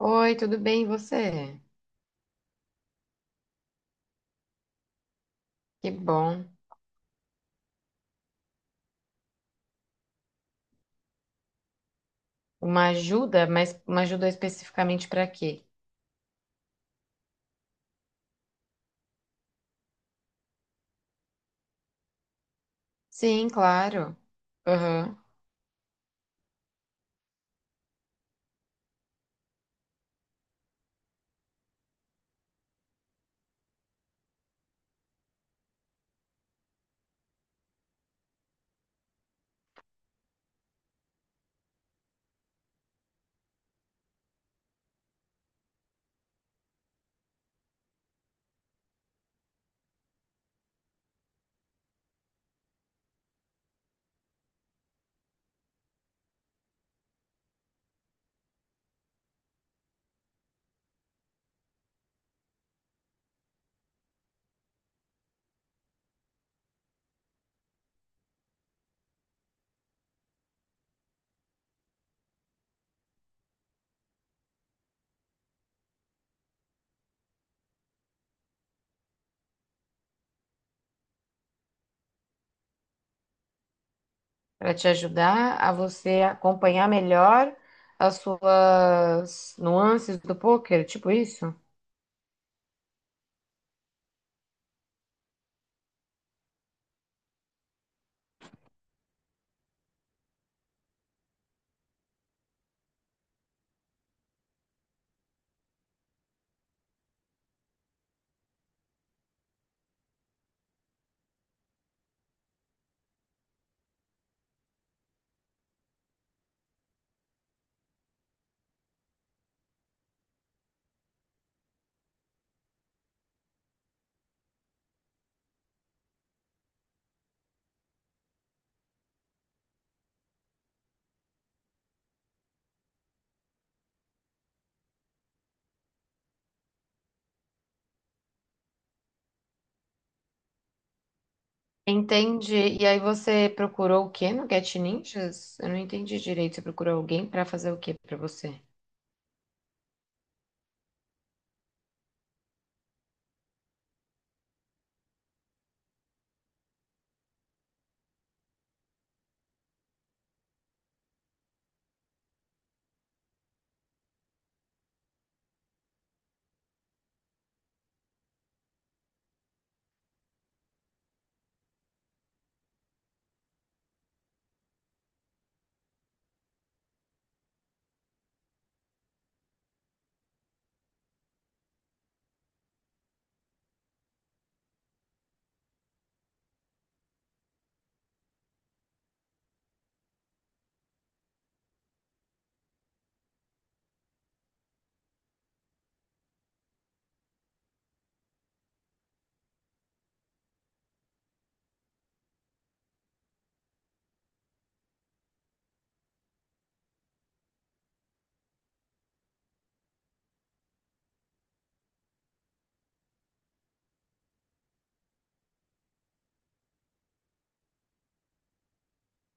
Oi, tudo bem, e você? Que bom. Uma ajuda, mas uma ajuda especificamente para quê? Sim, claro. Uhum. Para te ajudar a você acompanhar melhor as suas nuances do poker, tipo isso? Entendi. E aí você procurou o quê no Get Ninjas? Eu não entendi direito. Você procurou alguém para fazer o quê para você?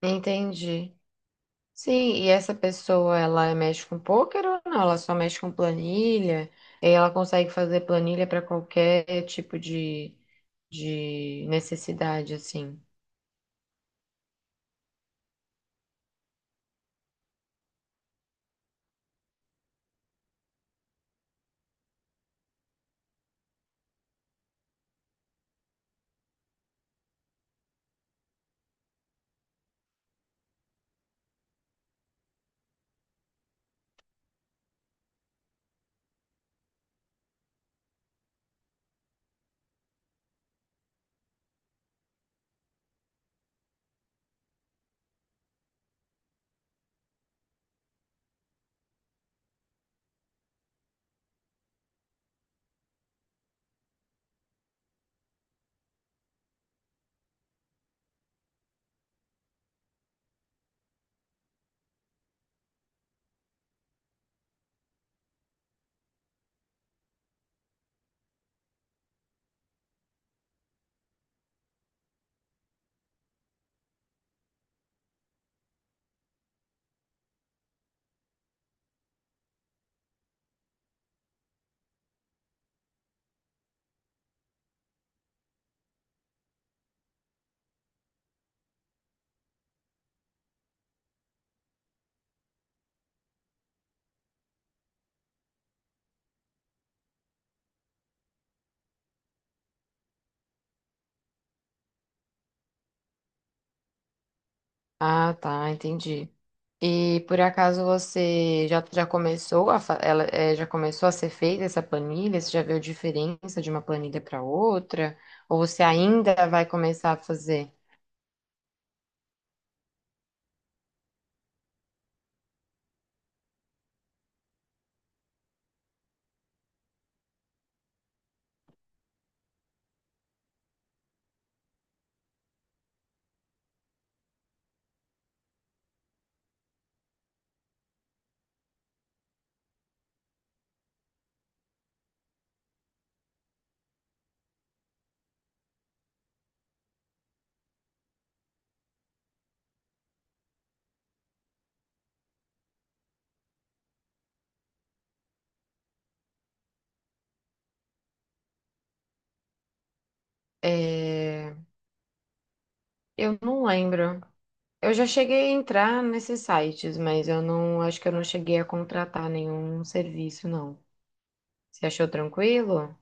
Entendi. Sim, e essa pessoa, ela mexe com poker ou não? Ela só mexe com planilha? E ela consegue fazer planilha para qualquer tipo de necessidade, assim. Ah, tá, entendi. E por acaso você já, já começou a já começou a ser feita essa planilha? Você já viu a diferença de uma planilha para outra? Ou você ainda vai começar a fazer? Eh, eu não lembro. Eu já cheguei a entrar nesses sites, mas eu não acho que eu não cheguei a contratar nenhum serviço, não. Você achou tranquilo?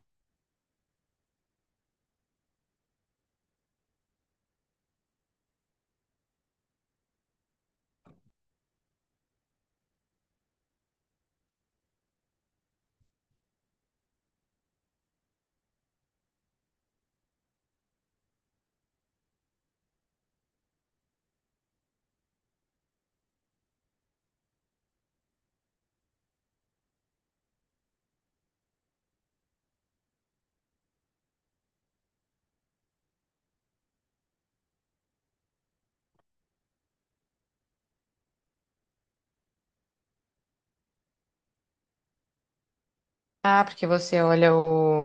Ah, porque você olha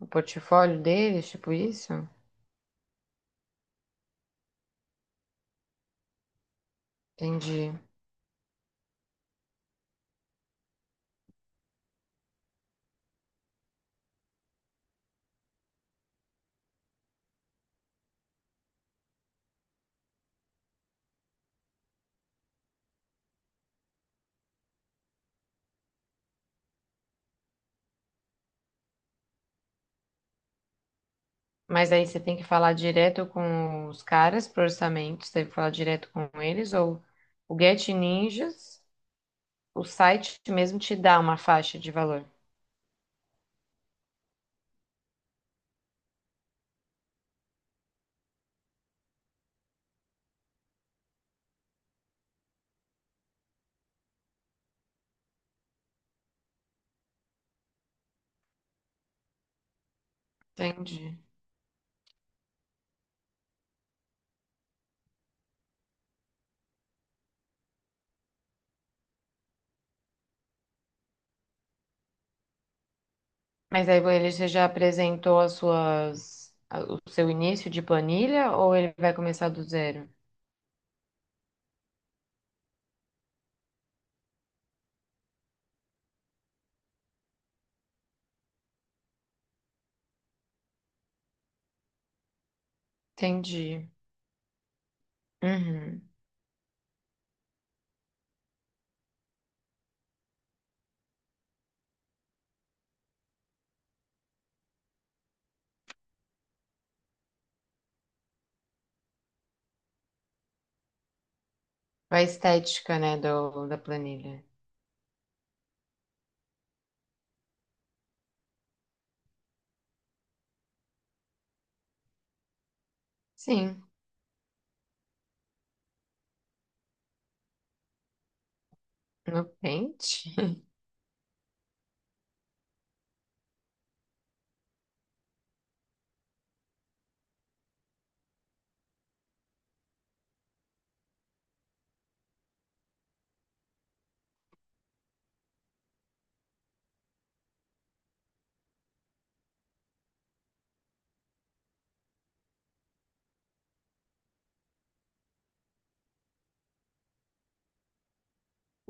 o portfólio deles, tipo isso? Entendi. Mas aí você tem que falar direto com os caras pro orçamento, você tem que falar direto com eles, ou o Get Ninjas, o site mesmo te dá uma faixa de valor. Entendi. Mas aí ele você já apresentou as suas, o seu início de planilha ou ele vai começar do zero? Entendi. Uhum. A estética, né, da planilha. Sim, no Paint.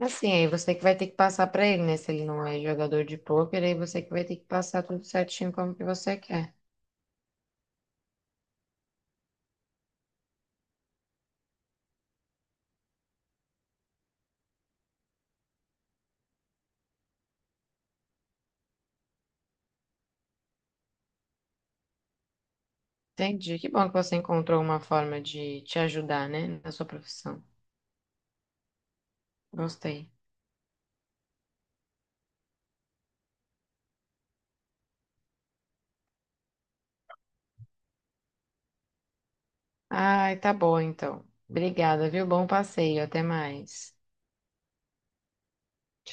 Assim, aí você que vai ter que passar pra ele, né? Se ele não é jogador de pôquer, aí você que vai ter que passar tudo certinho como que você quer. Entendi. Que bom que você encontrou uma forma de te ajudar, né, na sua profissão. Gostei. Ai, tá bom então. Obrigada, viu? Bom passeio. Até mais.